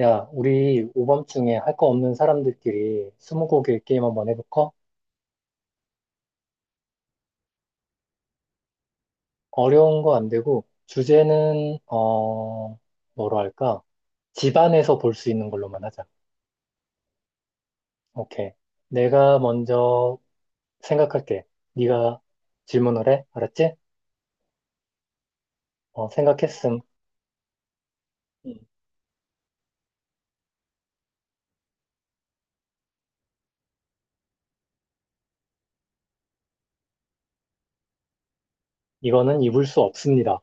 야, 우리 오밤중에 할 거 없는 사람들끼리 스무고개 게임 한번 해볼까? 어려운 거 안 되고, 주제는, 뭐로 할까? 집안에서 볼 수 있는 걸로만 하자. 오케이. 내가 먼저 생각할게. 네가 질문을 해. 알았지? 생각했음. 음. 이거는 입을 수 없습니다.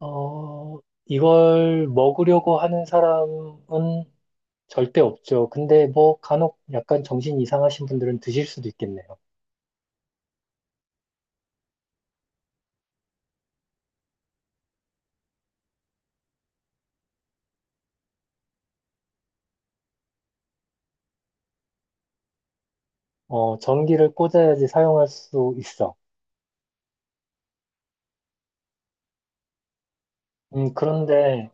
어, 이걸 먹으려고 하는 사람은 절대 없죠. 근데 뭐 간혹 약간 정신 이상하신 분들은 드실 수도 있겠네요. 전기를 꽂아야지 사용할 수 있어. 음, 그런데,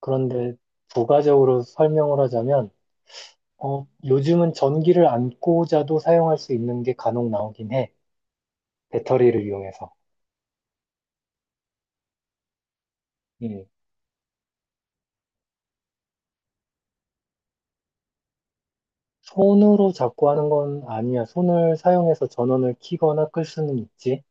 그런데, 부가적으로 설명을 하자면, 요즘은 전기를 안 꽂아도 사용할 수 있는 게 간혹 나오긴 해. 배터리를 이용해서. 음, 손으로 잡고 하는 건 아니야. 손을 사용해서 전원을 켜거나 끌 수는 있지.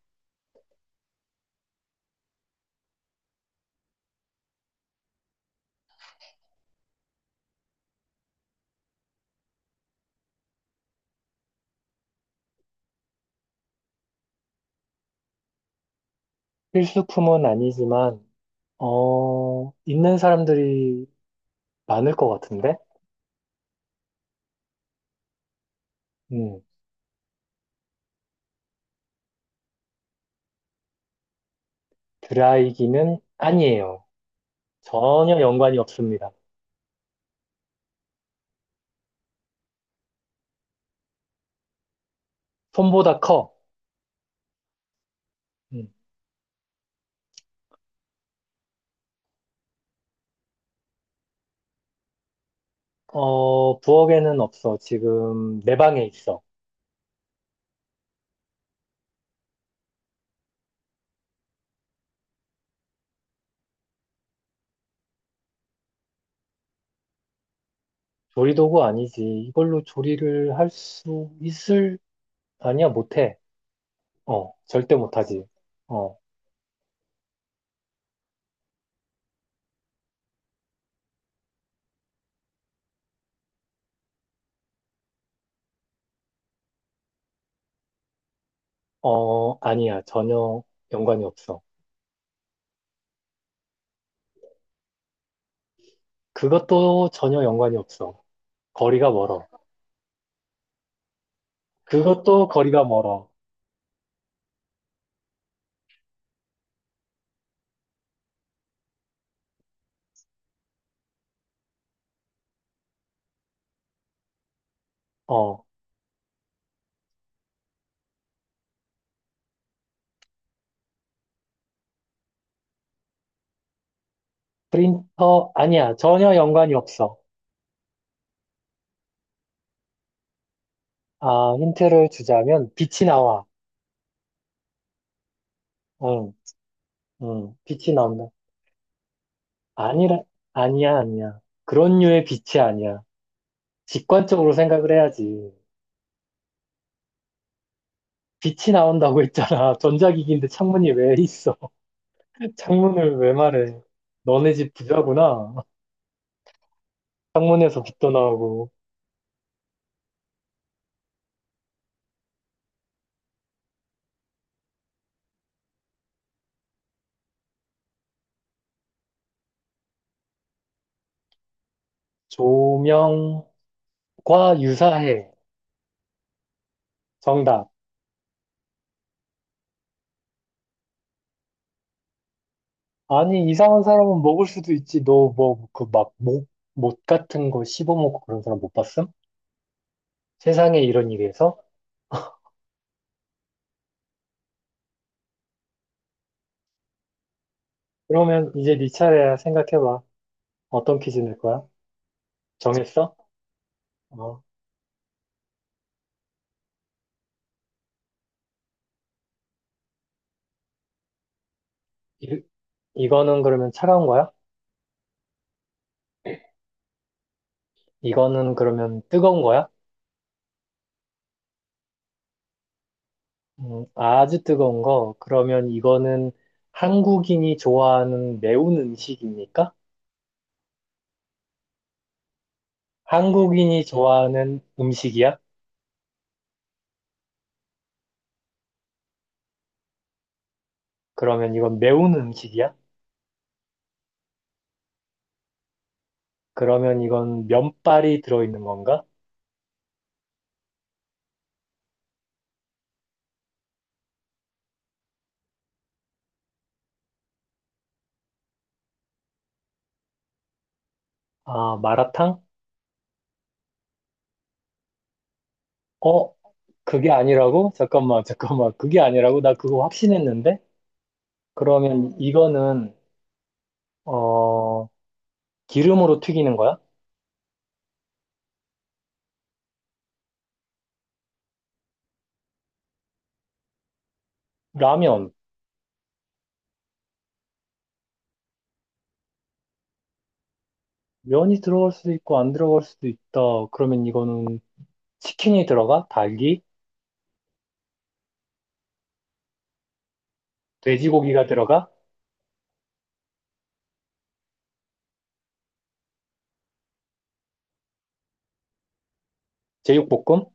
필수품은 아니지만, 있는 사람들이 많을 것 같은데? 음, 드라이기는 아니에요. 전혀 연관이 없습니다. 손보다 커. 음. 부엌에는 없어. 지금 내 방에 있어. 조리도구 아니지. 이걸로 조리를 할 수 있을? 아니야, 못해. 절대 못하지. 어, 아니야. 전혀 연관이 없어. 그것도 전혀 연관이 없어. 거리가 멀어. 그것도 거리가 멀어. 어, 프린터? 아니야. 전혀 연관이 없어. 아, 힌트를 주자면 빛이 나와. 응, 응, 빛이 나온다. 아니라, 아니야, 아니야. 그런 류의 빛이 아니야. 직관적으로 생각을 해야지. 빛이 나온다고 했잖아. 전자기기인데 창문이 왜 있어? 창문을 왜 말해? 너네 집 부자구나. 창문에서 빛도 나오고. 조명과 유사해. 정답. 아니, 이상한 사람은 먹을 수도 있지. 너 뭐, 그 막, 못 같은 거 씹어먹고 그런 사람 못 봤음? 세상에 이런 일이 있어? 그러면 이제 네 차례야. 생각해봐. 어떤 퀴즈 낼 거야? 정했어? 어. 이, 이거는 그러면 차가운 거야? 이거는 그러면 뜨거운 거야? 아주 뜨거운 거. 그러면 이거는 한국인이 좋아하는 매운 음식입니까? 한국인이 좋아하는 음식이야? 그러면 이건 매운 음식이야? 그러면 이건 면발이 들어있는 건가? 아, 마라탕? 어, 그게 아니라고? 잠깐만, 잠깐만. 그게 아니라고? 나 그거 확신했는데? 그러면 이거는, 어, 기름으로 튀기는 거야? 라면. 면이 들어갈 수도 있고 안 들어갈 수도 있다. 그러면 이거는 치킨이 들어가? 닭이? 돼지고기가 들어가? 제육볶음?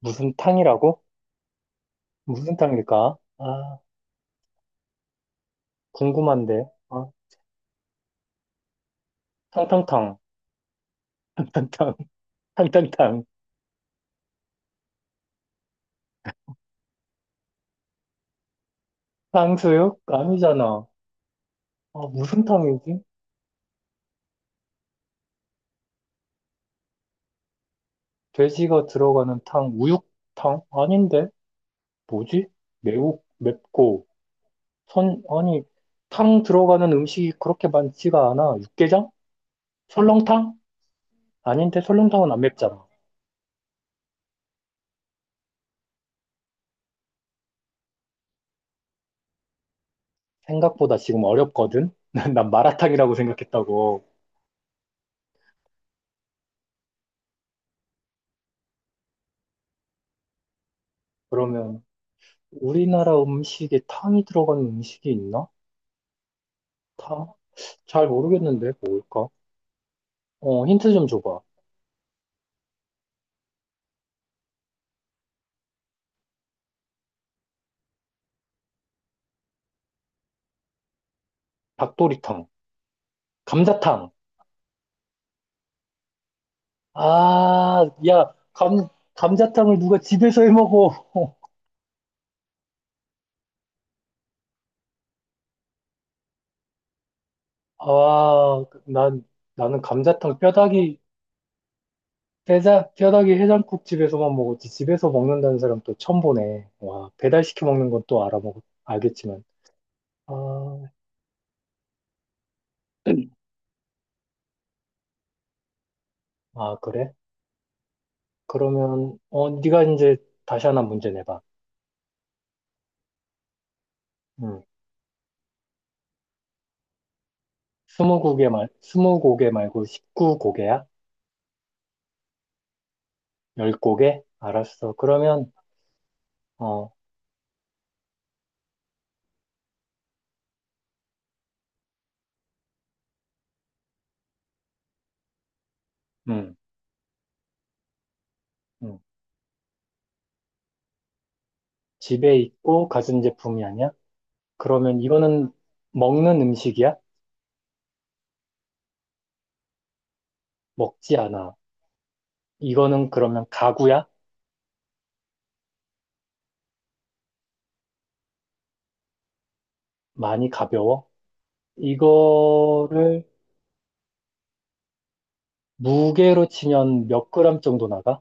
무슨 탕이라고? 무슨 탕일까? 아, 궁금한데. 아, 탕탕탕. 탕탕탕. 탕탕탕. 탕수육? 아니잖아. 아, 무슨 탕이지? 돼지가 들어가는 탕, 우육탕? 아닌데? 뭐지? 매우, 맵고, 아니, 탕 들어가는 음식이 그렇게 많지가 않아. 육개장? 설렁탕? 아닌데, 설렁탕은 안 맵잖아. 생각보다 지금 어렵거든? 난 마라탕이라고 생각했다고. 그러면 우리나라 음식에 탕이 들어가는 음식이 있나? 탕? 잘 모르겠는데 뭘까? 힌트 좀 줘봐. 닭도리탕, 감자탕. 아, 야, 감자탕을 누가 집에서 해 먹어? 아, 난 나는 감자탕 뼈다귀 뼈다귀 해장국 집에서만 먹었지. 집에서 먹는다는 사람 또 처음 보네. 와, 배달시켜 먹는 건 또 알겠지만. 아, 아, 그래? 그러면 네가 이제 다시 하나 문제 내봐. 응. 20곡에 말고 19곡에야? 10곡에? 알았어. 그러면 어 음, 음. 집에 있고 가전제품이 아니야? 그러면 이거는 먹는 음식이야? 먹지 않아. 이거는 그러면 가구야? 많이 가벼워? 이거를 무게로 치면 몇 그램 정도 나가?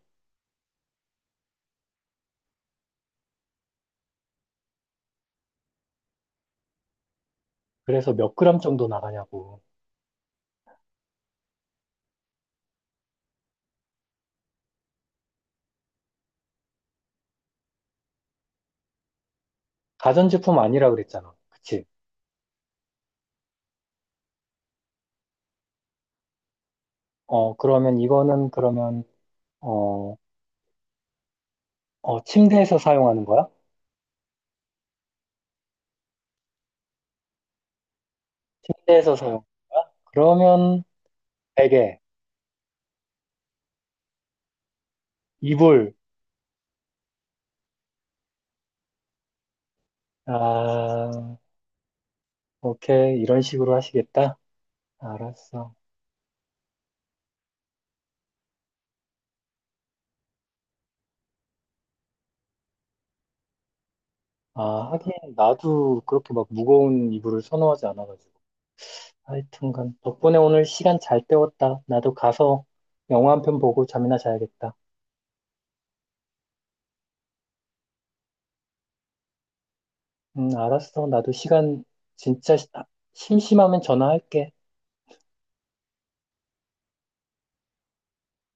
그래서 몇 그램 정도 나가냐고. 가전제품 아니라 그랬잖아. 그치? 그러면 이거는 그러면 어, 침대에서 사용하는 거야? 침대에서 사용하는 거야? 그러면 베개, 이불, 아, 오케이. 이런 식으로 하시겠다? 알았어. 아, 하긴 나도 그렇게 막 무거운 이불을 선호하지 않아가지고. 하여튼간 덕분에 오늘 시간 잘 때웠다. 나도 가서 영화 한 편 보고 잠이나 자야겠다. 알았어. 나도 시간 진짜 심심하면 전화할게.